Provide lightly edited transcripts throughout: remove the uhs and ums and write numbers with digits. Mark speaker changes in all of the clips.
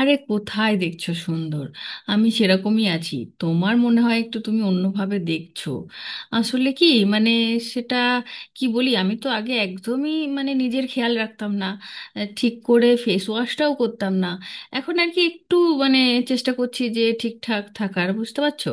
Speaker 1: আরে কোথায় দেখছো সুন্দর? আমি সেরকমই আছি। তোমার মনে হয় একটু তুমি অন্যভাবে দেখছো। আসলে কি, মানে, সেটা কি বলি, আমি তো আগে একদমই মানে নিজের খেয়াল রাখতাম না, ঠিক করে ফেস ওয়াশটাও করতাম না। এখন আর কি একটু মানে চেষ্টা করছি যে ঠিকঠাক থাকার, বুঝতে পারছো?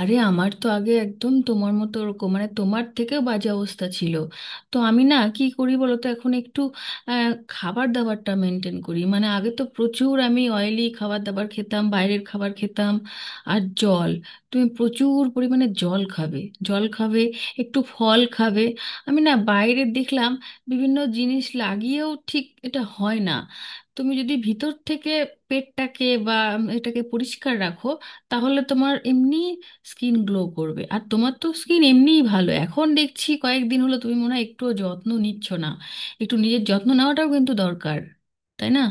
Speaker 1: আরে আমার তো আগে একদম তোমার মতো ওরকম মানে তোমার থেকেও বাজে অবস্থা ছিল। তো আমি না কি করি বলো তো, এখন একটু খাবার দাবারটা মেনটেন করি। মানে আগে তো প্রচুর আমি অয়েলি খাবার দাবার খেতাম, বাইরের খাবার খেতাম। আর জল, তুমি প্রচুর পরিমাণে জল খাবে, জল খাবে, একটু ফল খাবে। আমি না বাইরে দেখলাম বিভিন্ন জিনিস লাগিয়েও ঠিক এটা হয় না। তুমি যদি ভিতর থেকে পেটটাকে বা এটাকে পরিষ্কার রাখো, তাহলে তোমার এমনি স্কিন গ্লো করবে। আর তোমার তো স্কিন এমনিই ভালো, এখন দেখছি কয়েকদিন হলো তুমি মনে হয় একটুও যত্ন নিচ্ছ না। একটু নিজের যত্ন নেওয়াটাও কিন্তু দরকার, তাই না?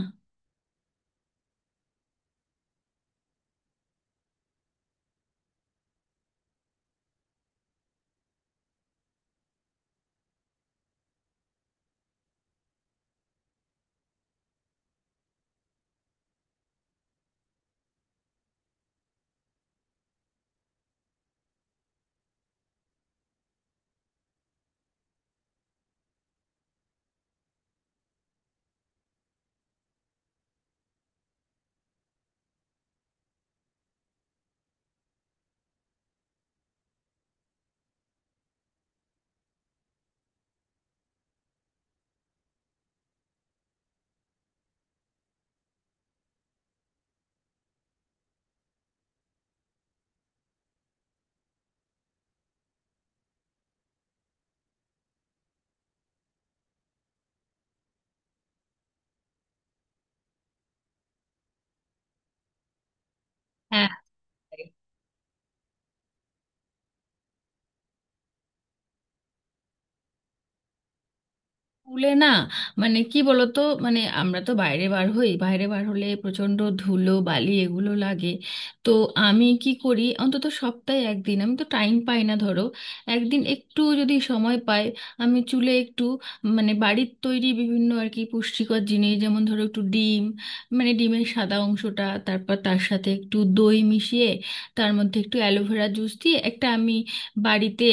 Speaker 1: হ্যাঁ, স্কুলে না, মানে কি বলতো, মানে আমরা তো বাইরে বার হই, বাইরে বার হলে প্রচণ্ড ধুলো বালি এগুলো লাগে। তো আমি কি করি, অন্তত সপ্তাহে একদিন, আমি তো টাইম পাই না, ধরো একদিন একটু যদি সময় পাই, আমি চুলে একটু মানে বাড়ির তৈরি বিভিন্ন আর কি পুষ্টিকর জিনিস, যেমন ধরো একটু ডিম, মানে ডিমের সাদা অংশটা, তারপর তার সাথে একটু দই মিশিয়ে, তার মধ্যে একটু অ্যালোভেরা জুস দিয়ে একটা আমি বাড়িতে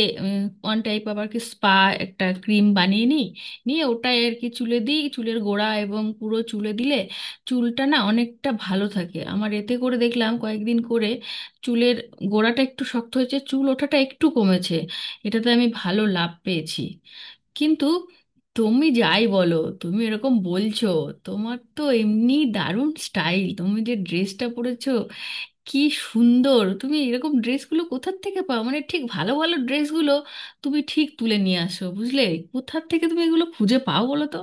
Speaker 1: ওয়ান টাইপ আবার কি স্পা, একটা ক্রিম বানিয়ে নিই। নিয়ে ওটা আর কি চুলে দিই, চুলের গোড়া এবং পুরো চুলে দিলে চুলটা না অনেকটা ভালো থাকে আমার। এতে করে দেখলাম কয়েকদিন করে চুলের গোড়াটা একটু শক্ত হয়েছে, চুল ওঠাটা একটু কমেছে, এটাতে আমি ভালো লাভ পেয়েছি। কিন্তু তুমি যাই বলো, তুমি এরকম বলছো, তোমার তো এমনি দারুণ স্টাইল। তুমি যে ড্রেসটা পরেছো কি সুন্দর! তুমি এরকম ড্রেসগুলো কোথার থেকে পাও, মানে ঠিক ভালো ভালো ড্রেসগুলো তুমি ঠিক তুলে নিয়ে আসো বুঝলে। কোথার থেকে তুমি এগুলো খুঁজে পাও বলো তো?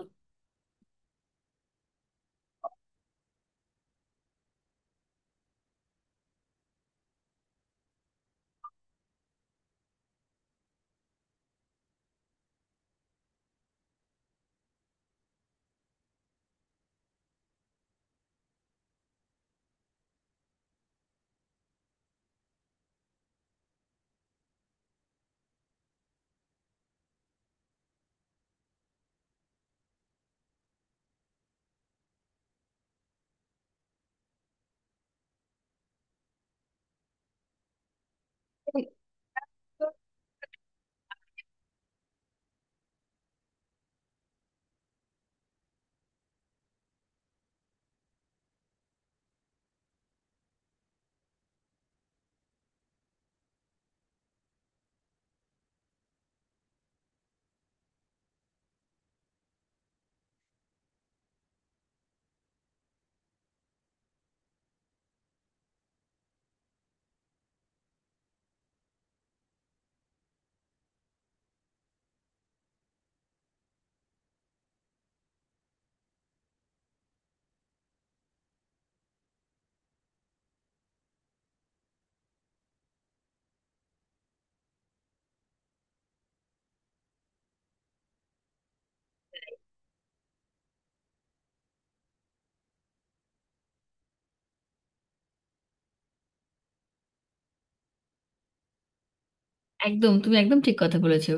Speaker 1: একদম, তুমি একদম ঠিক কথা বলেছো।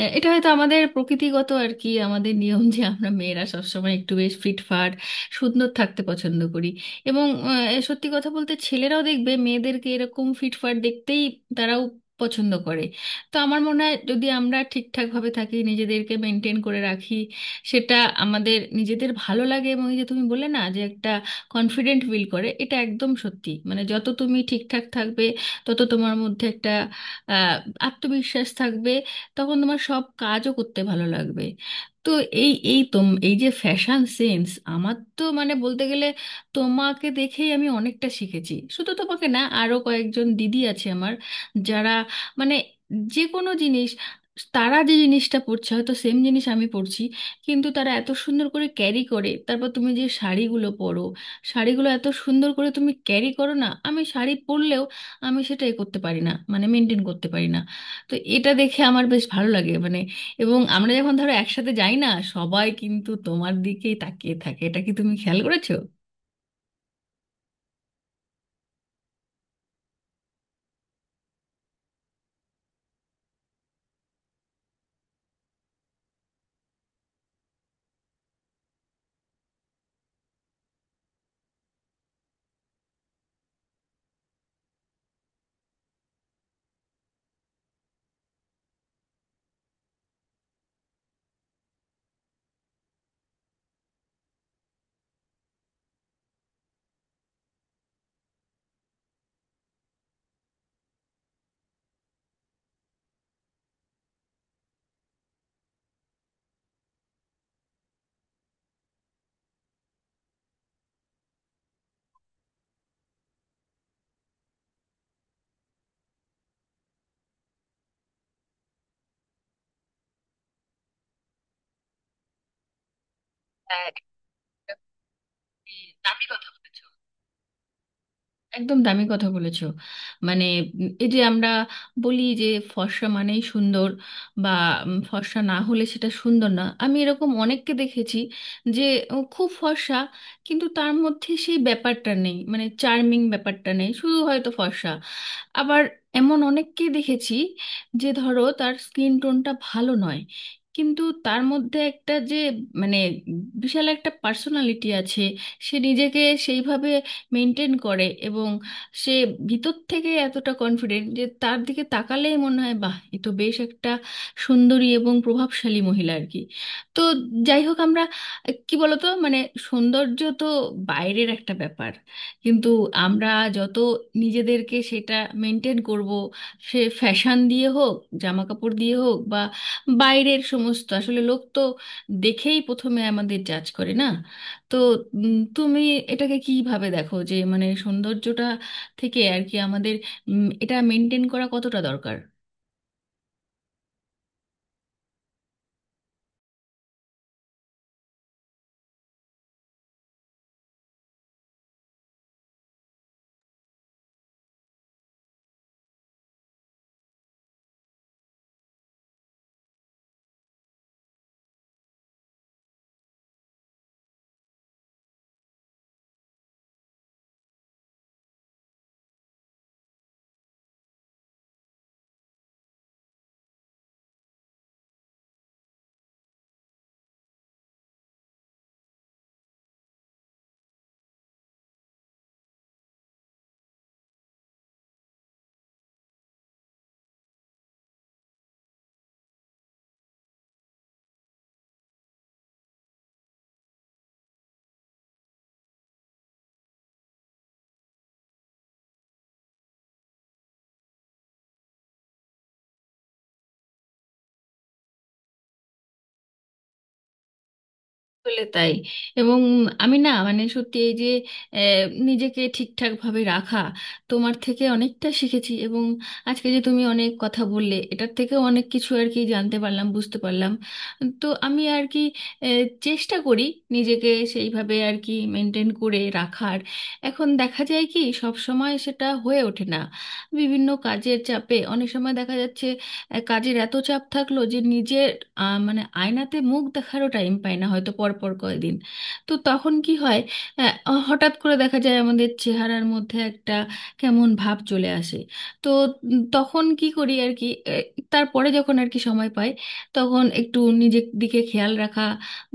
Speaker 1: এটা হয়তো আমাদের প্রকৃতিগত আর কি, আমাদের নিয়ম যে আমরা মেয়েরা সবসময় একটু বেশ ফিটফাট সুন্দর থাকতে পছন্দ করি। এবং সত্যি কথা বলতে, ছেলেরাও দেখবে মেয়েদেরকে এরকম ফিটফাট দেখতেই তারাও পছন্দ করে। তো আমার মনে হয় যদি আমরা ঠিকঠাকভাবে থাকি, নিজেদেরকে মেনটেন করে রাখি, সেটা আমাদের নিজেদের ভালো লাগে। এবং ওই যে তুমি বললে না যে একটা কনফিডেন্ট ফিল করে, এটা একদম সত্যি। মানে যত তুমি ঠিকঠাক থাকবে, তত তোমার মধ্যে একটা আহ, আত্মবিশ্বাস থাকবে, তখন তোমার সব কাজও করতে ভালো লাগবে। তো এই এই তোম, এই যে ফ্যাশন সেন্স, আমার তো মানে বলতে গেলে তোমাকে দেখেই আমি অনেকটা শিখেছি। শুধু তোমাকে না, আরও কয়েকজন দিদি আছে আমার, যারা মানে যে কোনো জিনিস, তারা যে জিনিসটা পরছে হয়তো সেম জিনিস আমি পরছি, কিন্তু তারা এত সুন্দর করে ক্যারি করে। তারপর তুমি যে শাড়িগুলো পরো, শাড়িগুলো এত সুন্দর করে তুমি ক্যারি করো না, আমি শাড়ি পরলেও আমি সেটাই করতে পারি না, মানে মেনটেন করতে পারি না। তো এটা দেখে আমার বেশ ভালো লাগে মানে। এবং আমরা যখন ধরো একসাথে যাই না, সবাই কিন্তু তোমার দিকেই তাকিয়ে থাকে, এটা কি তুমি খেয়াল করেছো? হ্যাঁ, একটা, আপনি দারুণ কথা বলেছেন। একদম দামি কথা বলেছো মানে। এই যে আমরা বলি যে ফর্সা মানেই সুন্দর, বা ফর্সা না হলে সেটা সুন্দর না, আমি এরকম অনেককে দেখেছি যে খুব ফর্সা, কিন্তু তার মধ্যে সেই ব্যাপারটা নেই, মানে চার্মিং ব্যাপারটা নেই, শুধু হয়তো ফর্সা। আবার এমন অনেককেই দেখেছি যে ধরো তার স্কিন টোনটা ভালো নয়, কিন্তু তার মধ্যে একটা যে মানে বিশাল একটা পার্সোনালিটি আছে, সে নিজেকে সেইভাবে মেনটেন করে, এবং সে ভিতর থেকে এতটা কনফিডেন্ট যে তার দিকে তাকালেই মনে হয়, বাহ, এ তো বেশ একটা সুন্দরী এবং প্রভাবশালী মহিলা আর কি। তো যাই হোক, আমরা কি বলতো মানে, সৌন্দর্য তো বাইরের একটা ব্যাপার, কিন্তু আমরা যত নিজেদেরকে সেটা মেনটেন করব, সে ফ্যাশন দিয়ে হোক, জামা কাপড় দিয়ে হোক, বা বাইরের সমস্ত আসলে লোক তো দেখেই প্রথমে আমাদের জাজ করে না। তো তুমি এটাকে কিভাবে দেখো, যে মানে সৌন্দর্যটা থেকে আর কি আমাদের এটা মেনটেন করা কতটা দরকার? আসলে তাই। এবং আমি না মানে সত্যি, এই যে আহ, নিজেকে ঠিকঠাক ভাবে রাখা, তোমার থেকে অনেকটা শিখেছি। এবং আজকে যে তুমি অনেক কথা বললে, এটার থেকেও অনেক কিছু আর কি জানতে পারলাম, বুঝতে পারলাম। তো আমি আর কি চেষ্টা করি নিজেকে সেইভাবে আর কি মেনটেন করে রাখার। এখন দেখা যায় কি, সব সময় সেটা হয়ে ওঠে না, বিভিন্ন কাজের চাপে অনেক সময় দেখা যাচ্ছে কাজের এত চাপ থাকলো যে নিজের মানে আয়নাতে মুখ দেখারও টাইম পাই না হয়তো পরপর কয়েকদিন। তো তখন কি হয়, হঠাৎ করে দেখা যায় আমাদের চেহারার মধ্যে একটা কেমন ভাব চলে আসে। তো তখন কি করি আর কি, তারপরে যখন আর কি সময় পাই, তখন একটু নিজের দিকে খেয়াল রাখা,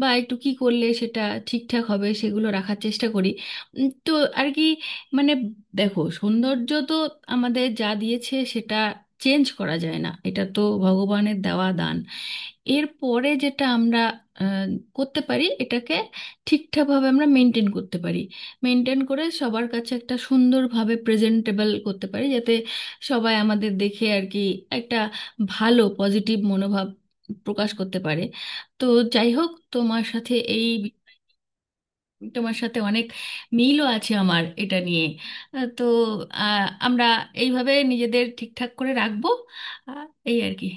Speaker 1: বা একটু কি করলে সেটা ঠিকঠাক হবে সেগুলো রাখার চেষ্টা করি। তো আর কি মানে, দেখো সৌন্দর্য তো আমাদের যা দিয়েছে সেটা চেঞ্জ করা যায় না, এটা তো ভগবানের দেওয়া দান। এরপরে যেটা আমরা আহ, করতে পারি, এটাকে ঠিকঠাকভাবে আমরা মেনটেন করতে পারি, মেনটেন করে সবার কাছে একটা সুন্দরভাবে প্রেজেন্টেবল করতে পারি, যাতে সবাই আমাদের দেখে আর কি একটা ভালো পজিটিভ মনোভাব প্রকাশ করতে পারে। তো যাই হোক, তোমার সাথে অনেক মিলও আছে আমার এটা নিয়ে। তো আমরা এইভাবে নিজেদের ঠিকঠাক করে রাখবো। আহ, এই আর কি।